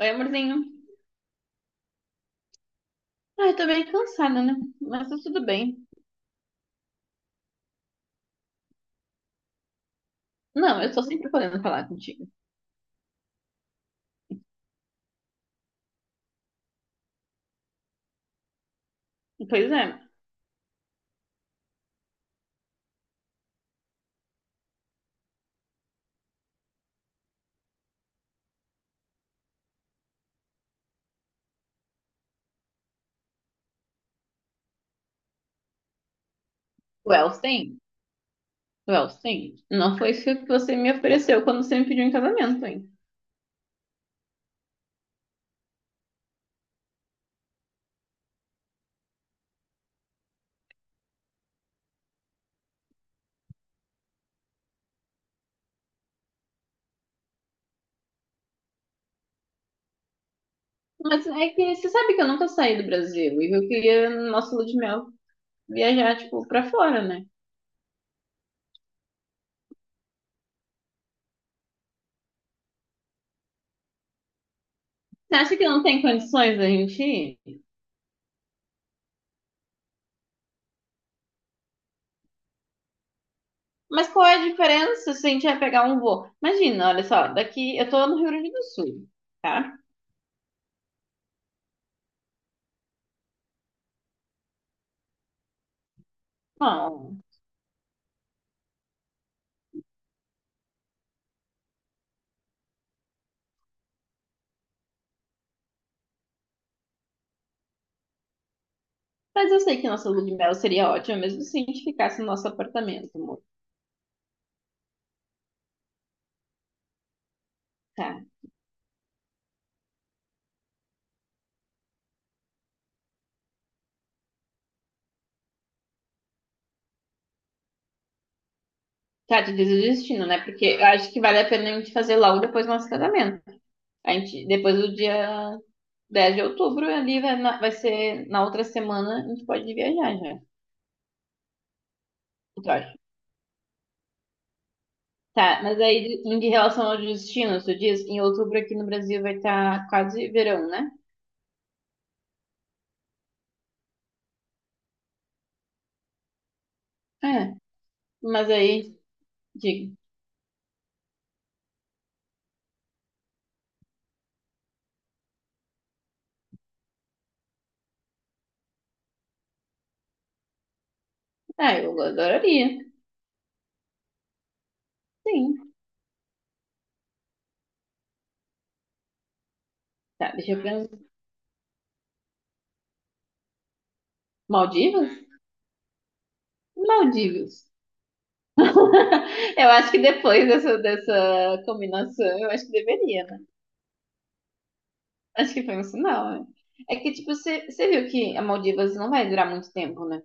Oi, amorzinho. Ah, eu tô meio cansada, né? Mas tá tudo bem. Não, eu tô sempre podendo falar contigo. Pois é. O Elsen? O Elsen? Não foi isso que você me ofereceu quando você me pediu em casamento, hein? Mas é que você sabe que eu nunca saí do Brasil e eu queria, no nosso lua de mel, viajar, tipo, pra fora, né? Você acha que não tem condições da gente ir? Mas qual é a diferença se a gente vai pegar um voo? Imagina, olha só, daqui eu tô no Rio Grande do Sul, tá? Bom, mas eu sei que nossa lua de mel seria ótima, mesmo se a gente ficasse no nosso apartamento, amor. Tá. Tá, te diz o destino, né? Porque eu acho que vale a pena a gente fazer logo depois do nosso casamento. A gente, depois do dia 10 de outubro, ali vai, vai ser na outra semana, a gente pode viajar já. Eu acho. Tá, mas aí em relação ao destino, tu diz, em outubro aqui no Brasil vai estar quase verão, né? É. Mas aí, diga. Ah, eu adoraria. Sim. Tá, deixa eu pensar. Maldivas? Maldivas. Eu acho que depois dessa, dessa combinação, eu acho que deveria, né? Acho que foi um sinal, né? É que, tipo, você viu que a Maldivas não vai durar muito tempo, né?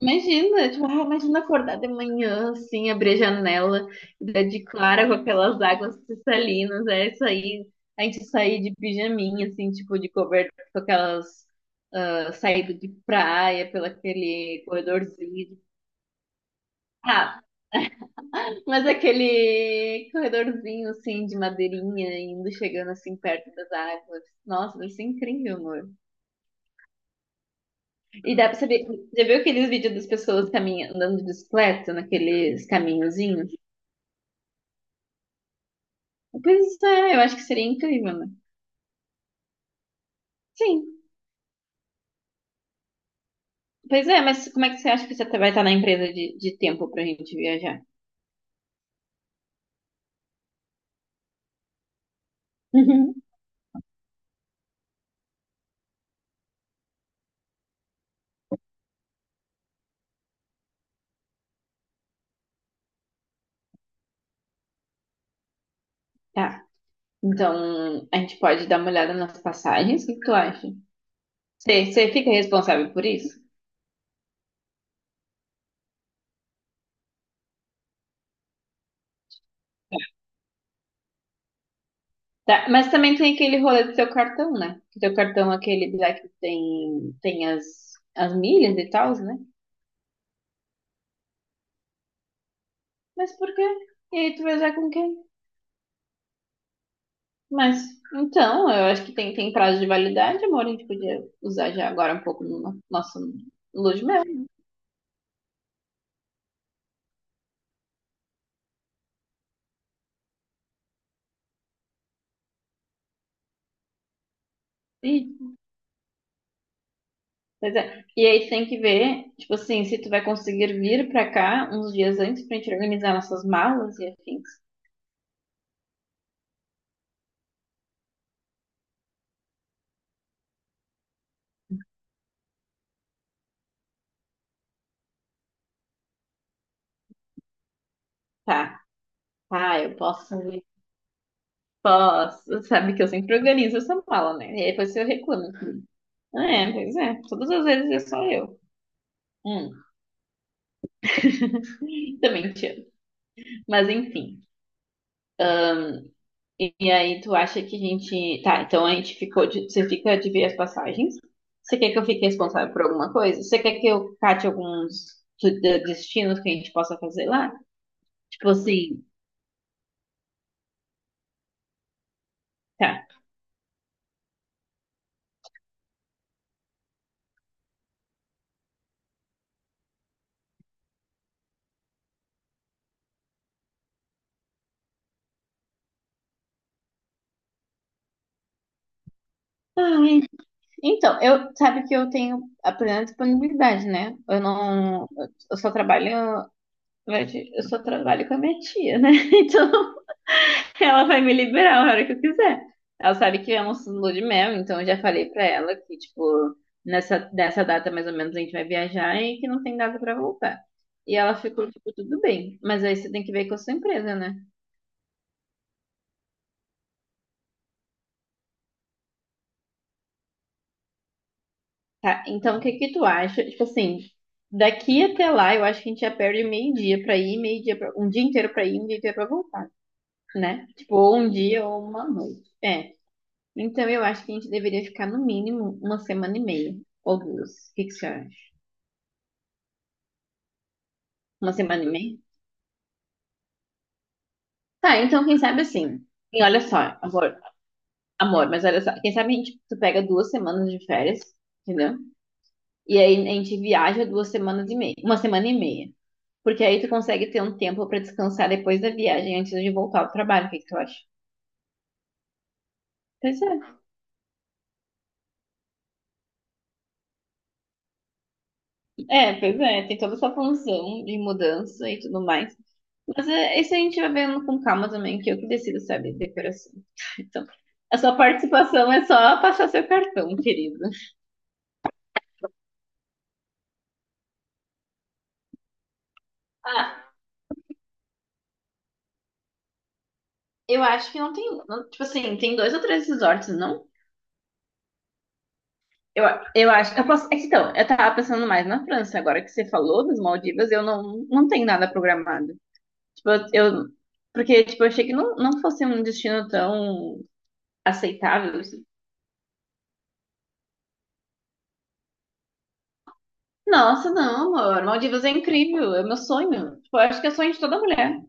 Imagina, tipo, ah, imagina acordar de manhã, assim, abrir a janela, dar de clara com aquelas águas cristalinas, é isso aí. A gente sair de pijaminha, assim, tipo, de coberta, com aquelas ah, saídas de praia, pelo aquele corredorzinho. Ah, mas aquele corredorzinho assim de madeirinha indo chegando assim perto das árvores. Nossa, deve ser incrível, amor. E dá pra saber. Já viu aqueles vídeos das pessoas caminhando, andando de bicicleta naqueles caminhozinhos? Pois é, eu acho que seria incrível, né? Sim. Pois é, mas como é que você acha que você vai estar na empresa de tempo pra gente viajar? Uhum. Tá. Então, a gente pode dar uma olhada nas passagens? O que que tu acha? Você fica responsável por isso? Tá, mas também tem aquele rolê do seu cartão, né? Que teu cartão, é aquele lá que tem as milhas e tal, né? Mas por quê? E aí tu vai usar com quem? Mas, então, eu acho que tem prazo de validade, amor. A gente podia usar já agora um pouco no nosso lua de mel. E, pois é. E aí tu tem que ver, tipo assim, se tu vai conseguir vir pra cá uns dias antes pra gente organizar nossas malas e afins. Tá, tá, eu posso, posso. Sabe que eu sempre organizo essa mala, né? E aí depois eu reclamo. É, pois é. Todas as vezes é só eu. Hum, Também te amo. Mas enfim. E aí tu acha que a gente. Tá, então a gente ficou de. Você fica de ver as passagens. Você quer que eu fique responsável por alguma coisa? Você quer que eu cate alguns destinos que a gente possa fazer lá? Tipo assim, tá. Ai, então, eu sabe que eu tenho a plena disponibilidade, né? Eu não. Eu só trabalho, na verdade. Eu só trabalho com a minha tia, né? Então. Ela vai me liberar a hora que eu quiser. Ela sabe que é um lua de mel, então eu já falei pra ela que, tipo, nessa data mais ou menos a gente vai viajar e que não tem data pra voltar. E ela ficou, tipo, tudo bem. Mas aí você tem que ver com a sua empresa, né? Tá, então o que que tu acha? Tipo assim, daqui até lá eu acho que a gente já perde meio-dia pra ir, meio-dia pra, um dia inteiro pra ir, um dia inteiro pra voltar, né? Tipo, ou um dia ou uma noite. É. Então eu acho que a gente deveria ficar no mínimo uma semana e meia ou duas. O que que você acha? Uma semana e meia? Tá, então quem sabe assim. E olha só, amor, amor, mas olha só, quem sabe a gente tu pega 2 semanas de férias, entendeu? E aí a gente viaja 2 semanas e meia, uma semana e meia. Porque aí tu consegue ter um tempo pra descansar depois da viagem, antes de voltar ao trabalho. O que que tu acha? Pois é. É, pois é, tem toda essa função de mudança e tudo mais. Mas é, isso a gente vai vendo com calma também, que eu que decido, sabe, decoração. Então, a sua participação é só passar seu cartão, querido. Ah, eu acho que não tem. Tipo assim, tem dois ou três resorts, não? Eu, eu acho. Eu posso, é que então, eu tava pensando mais na França. Agora que você falou das Maldivas, eu não, não tenho nada programado. Tipo, eu. Porque, tipo, eu achei que não fosse um destino tão aceitável assim. Nossa, não, amor. Maldivas é incrível. É meu sonho. Tipo, eu acho que é sonho de toda mulher.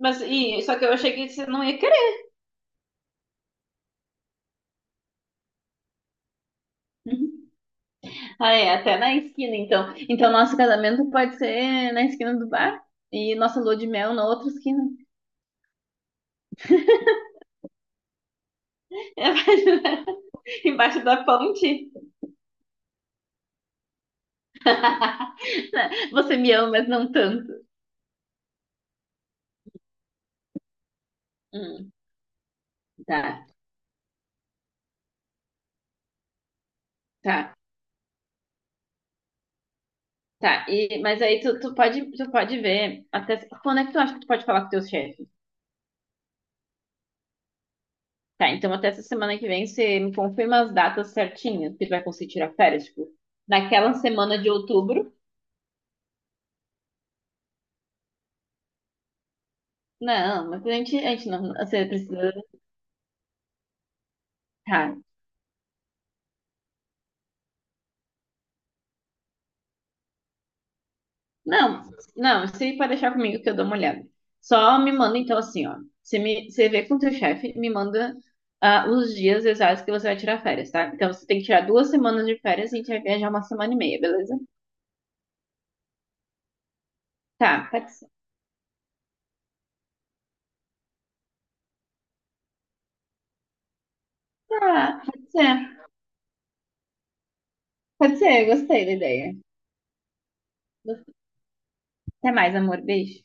Mas, e, só que eu achei que você não ia querer. Uhum. Ah, é, até na esquina, então. Então, nosso casamento pode ser na esquina do bar e nossa lua de mel na outra esquina. Embaixo da ponte? Você me ama, mas não tanto. Hum, tá, tá, tá. E, mas aí tu pode ver até quando é que tu acha que tu pode falar com teu chefe? Tá, então até essa semana que vem você me confirma as datas certinhas que tu vai conseguir tirar férias, tipo, naquela semana de outubro. Não, mas a gente não, você precisa. Tá, não, não, se aí pode deixar comigo que eu dou uma olhada. Só me manda então assim, ó. Você me, você vê com o teu chefe, me manda ah, os dias exatos que você vai tirar férias, tá? Então você tem que tirar 2 semanas de férias e a gente vai viajar uma semana e meia, beleza? Tá, pode ser. Tá, pode ser. Pode ser, eu gostei da ideia. Até mais, amor. Beijo.